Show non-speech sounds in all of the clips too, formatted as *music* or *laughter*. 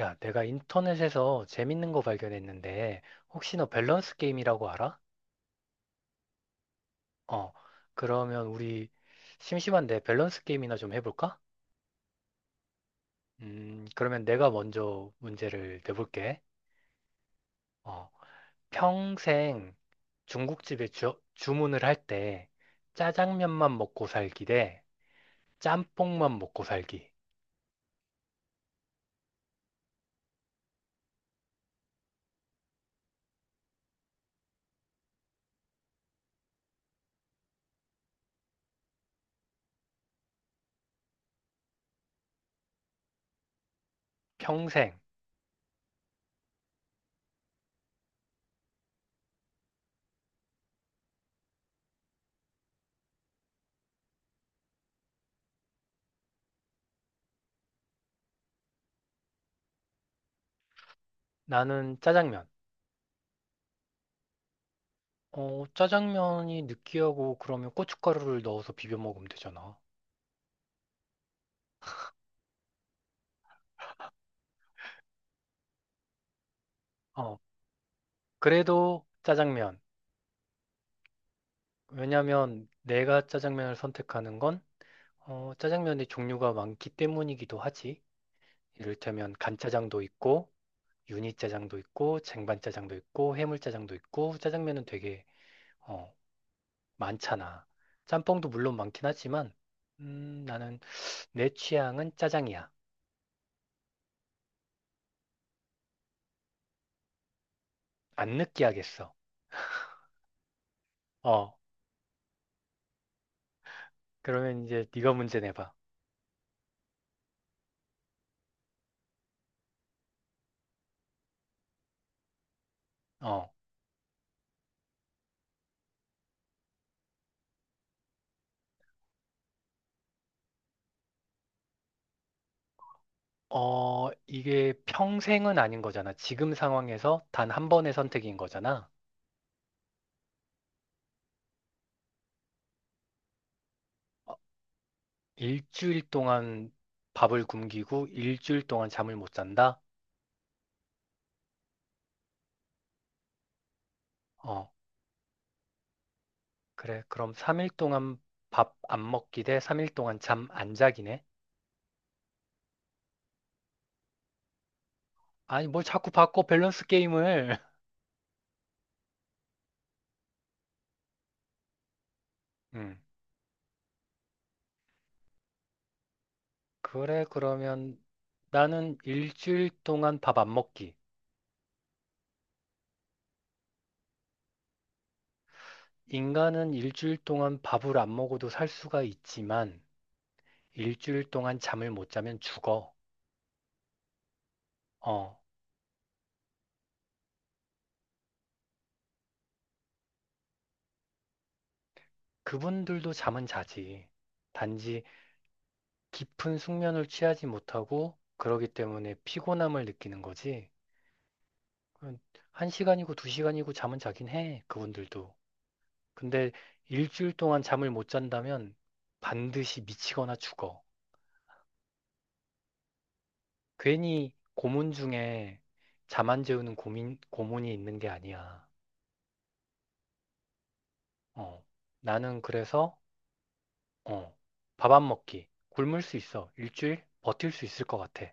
야, 내가 인터넷에서 재밌는 거 발견했는데, 혹시 너 밸런스 게임이라고 알아? 어, 그러면 우리 심심한데 밸런스 게임이나 좀 해볼까? 그러면 내가 먼저 문제를 내볼게. 어, 평생 중국집에 주문을 할 때, 짜장면만 먹고 살기 대 짬뽕만 먹고 살기. 평생. 나는 짜장면. 어, 짜장면이 느끼하고 그러면 고춧가루를 넣어서 비벼 먹으면 되잖아. 어, 그래도 짜장면. 왜냐면 내가 짜장면을 선택하는 건 어, 짜장면의 종류가 많기 때문이기도 하지. 이를테면 간짜장도 있고 유니짜장도 있고 쟁반짜장도 있고 해물짜장도 있고 짜장면은 되게 어, 많잖아. 짬뽕도 물론 많긴 하지만 나는 내 취향은 짜장이야. 안 느끼하겠어. 어, 그러면 이제 네가 문제 내봐. 어. 어, 이게 평생은 아닌 거잖아. 지금 상황에서 단 한 번의 선택인 거잖아. 어, 일주일 동안 밥을 굶기고 일주일 동안 잠을 못 잔다? 어, 그래. 그럼 3일 동안 밥 안 먹기 대 3일 동안 잠 안 자기네? 아니, 뭘 자꾸 바꿔, 밸런스 게임을. *laughs* 음, 그래, 그러면 나는 일주일 동안 밥 안 먹기. 인간은 일주일 동안 밥을 안 먹어도 살 수가 있지만, 일주일 동안 잠을 못 자면 죽어. 어, 그분들도 잠은 자지. 단지 깊은 숙면을 취하지 못하고 그러기 때문에 피곤함을 느끼는 거지. 그건 한 시간이고 두 시간이고 잠은 자긴 해, 그분들도. 근데 일주일 동안 잠을 못 잔다면 반드시 미치거나 죽어. 괜히 고문 중에 잠 안 재우는 고문이 있는 게 아니야. 어. 나는 그래서, 어. 밥 안 먹기. 굶을 수 있어. 일주일 버틸 수 있을 것 같아.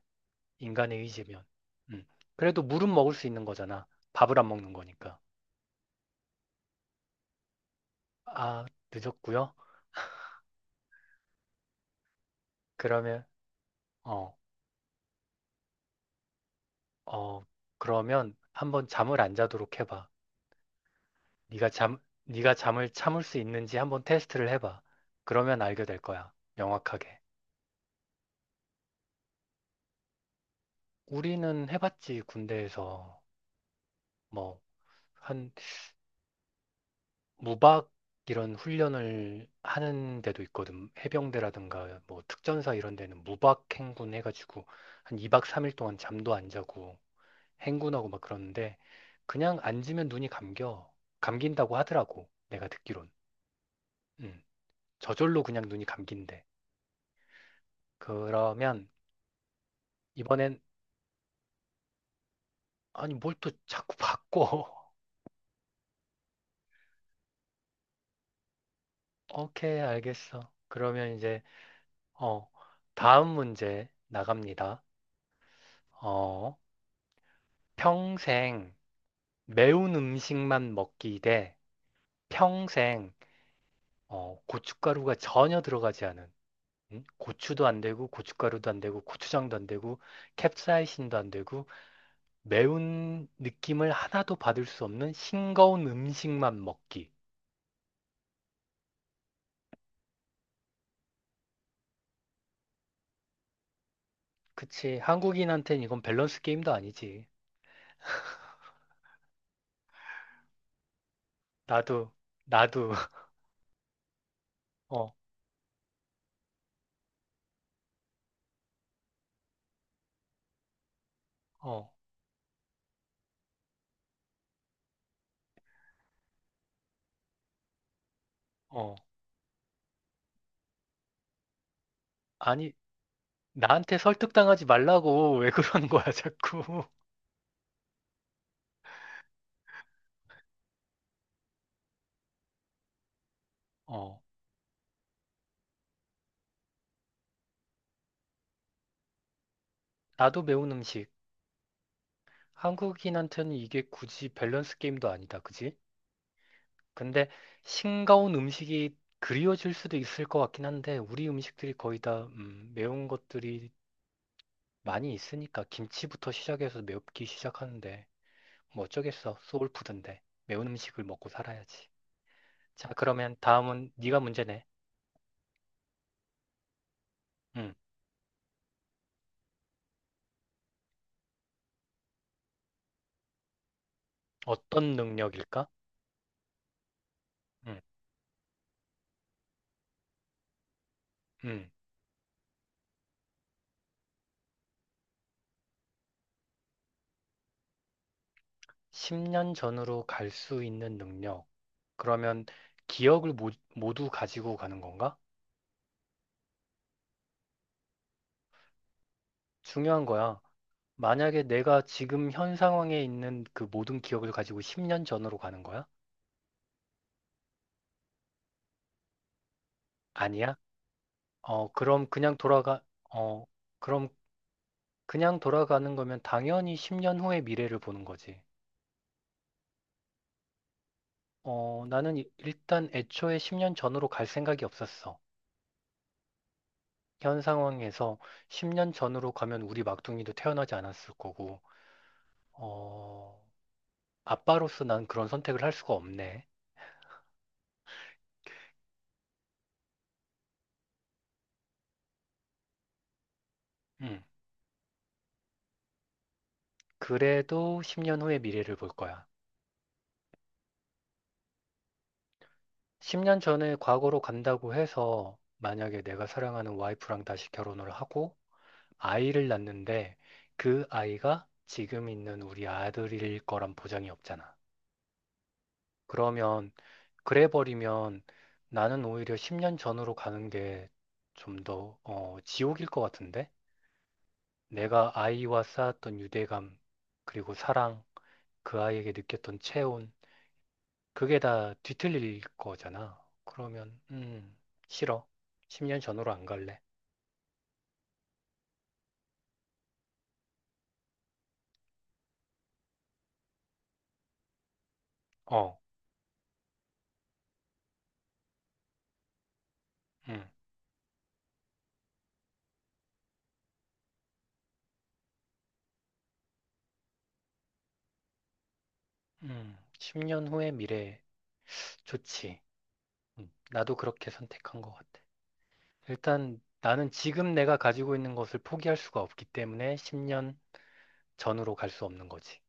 인간의 의지면. 음. 그래도 물은 먹을 수 있는 거잖아. 밥을 안 먹는 거니까. 아, 늦었고요. 그러면 어, 어, 그러면 한번 잠을 안 자도록 해봐. 네가 잠, 네가 잠을 참을 수 있는지 한번 테스트를 해봐. 그러면 알게 될 거야. 명확하게. 우리는 해봤지, 군대에서. 뭐 한 무박 이런 훈련을 하는 데도 있거든. 해병대라든가 뭐 특전사 이런 데는 무박 행군 해가지고 한 2박 3일 동안 잠도 안 자고 행군하고 막 그러는데 그냥 앉으면 눈이 감겨. 감긴다고 하더라고. 내가 듣기론. 음. 저절로 그냥 눈이 감긴대. 그러면 이번엔 아니 뭘 또 자꾸 바꿔. *laughs* 오케이, 알겠어. 그러면 이제 어 다음 문제 나갑니다. 어 평생 매운 음식만 먹기 대 평생 어 고춧가루가 전혀 들어가지 않은 음? 고추도 안 되고 고춧가루도 안 되고 고추장도 안 되고 캡사이신도 안 되고 매운 느낌을 하나도 받을 수 없는 싱거운 음식만 먹기. 그치. 한국인한테는 이건 밸런스 게임도 아니지. 나도, 나도, *laughs* 어, 어, 어. 아니, 나한테 설득당하지 말라고 *laughs* 왜 그러는 거야, 자꾸. *laughs* 어, 나도 매운 음식. 한국인한테는 이게 굳이 밸런스 게임도 아니다, 그지? 근데 싱거운 음식이 그리워질 수도 있을 것 같긴 한데, 우리 음식들이 거의 다, 매운 것들이 많이 있으니까 김치부터 시작해서 맵기 시작하는데 뭐 어쩌겠어. 소울푸드인데 매운 음식을 먹고 살아야지. 자, 그러면 다음은 네가 문제네. 음, 어떤 능력일까? 음, 음, 10년 전으로 갈 수 있는 능력. 그러면 기억을 모두 가지고 가는 건가? 중요한 거야. 만약에 내가 지금 현 상황에 있는 그 모든 기억을 가지고 10년 전으로 가는 거야? 아니야? 어, 그럼 그냥 돌아가, 어, 그럼 그냥 돌아가는 거면 당연히 10년 후의 미래를 보는 거지. 어, 나는 일단 애초에 10년 전으로 갈 생각이 없었어. 현 상황에서 10년 전으로 가면 우리 막둥이도 태어나지 않았을 거고, 어, 아빠로서 난 그런 선택을 할 수가 없네. 음, 그래도 10년 후의 미래를 볼 거야. 10년 전에 과거로 간다고 해서 만약에 내가 사랑하는 와이프랑 다시 결혼을 하고, 아이를 낳는데 그 아이가 지금 있는 우리 아들일 거란 보장이 없잖아. 그러면 그래 버리면 나는 오히려 10년 전으로 가는 게 좀 더, 어, 지옥일 것 같은데? 내가 아이와 쌓았던 유대감, 그리고 사랑, 그 아이에게 느꼈던 체온, 그게 다 뒤틀릴 거잖아. 그러면, 싫어. 10년 전으로 안 갈래. 어, 음, 10년 후의 미래 좋지. 나도 그렇게 선택한 것 같아. 일단 나는 지금 내가 가지고 있는 것을 포기할 수가 없기 때문에 10년 전으로 갈 수 없는 거지.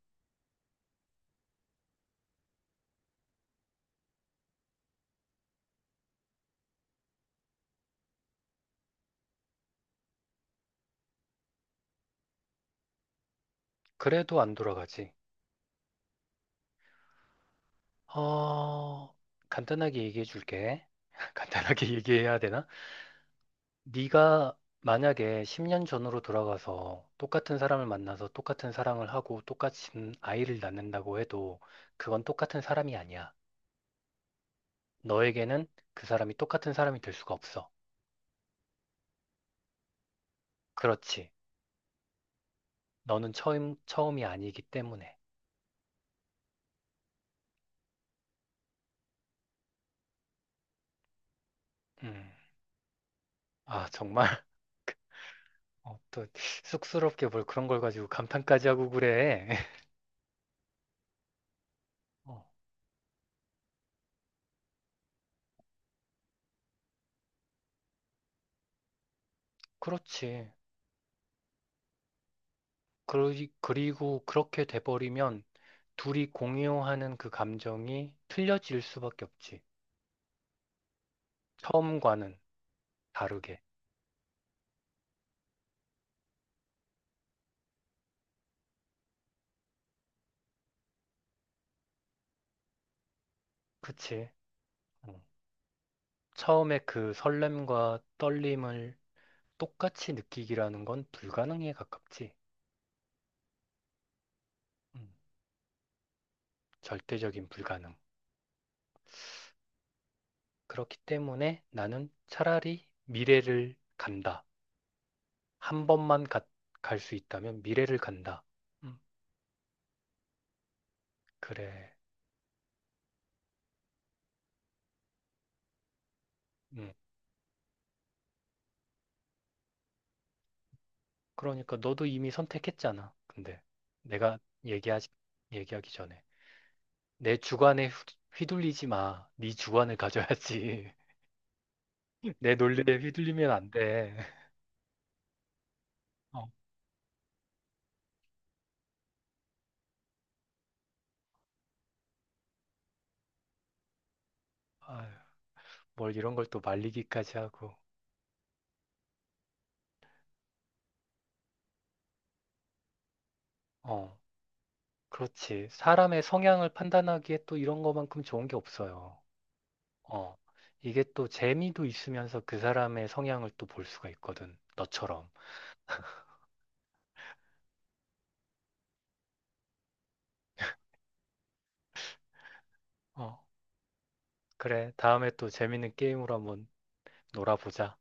그래도 안 돌아가지. 어, 간단하게 얘기해 줄게. *laughs* 간단하게 얘기해야 되나? 네가 만약에 10년 전으로 돌아가서 똑같은 사람을 만나서 똑같은 사랑을 하고 똑같은 아이를 낳는다고 해도 그건 똑같은 사람이 아니야. 너에게는 그 사람이 똑같은 사람이 될 수가 없어. 그렇지. 너는 처음이 아니기 때문에. 음. 아, 정말. *laughs* 어, 또 쑥스럽게 뭘 그런 걸 가지고 감탄까지 하고 그래. *laughs* 어, 그렇지. 그리고 그렇게 돼버리면 둘이 공유하는 그 감정이 틀려질 수밖에 없지. 처음과는 다르게. 그치? 어. 처음에 그 설렘과 떨림을 똑같이 느끼기라는 건 불가능에 가깝지. 음, 절대적인 불가능. 그렇기 때문에 나는 차라리 미래를 간다. 한 번만 갈 수 있다면 미래를 간다. 음, 그래. 음, 그러니까 너도 이미 선택했잖아. 근데 내가 얘기하지, 얘기하기 전에 내 주관에 휘둘리지 마. 네 주관을 가져야지. *laughs* 내 논리에 휘둘리면 안 돼. 어, *laughs* 아뭘 이런 걸 또 말리기까지 하고. 어, 그렇지. 사람의 성향을 판단하기에 또 이런 거만큼 좋은 게 없어요. 어, 이게 또 재미도 있으면서 그 사람의 성향을 또 볼 수가 있거든. 너처럼. 어, 그래. 다음에 또 재밌는 게임으로 한번 놀아보자.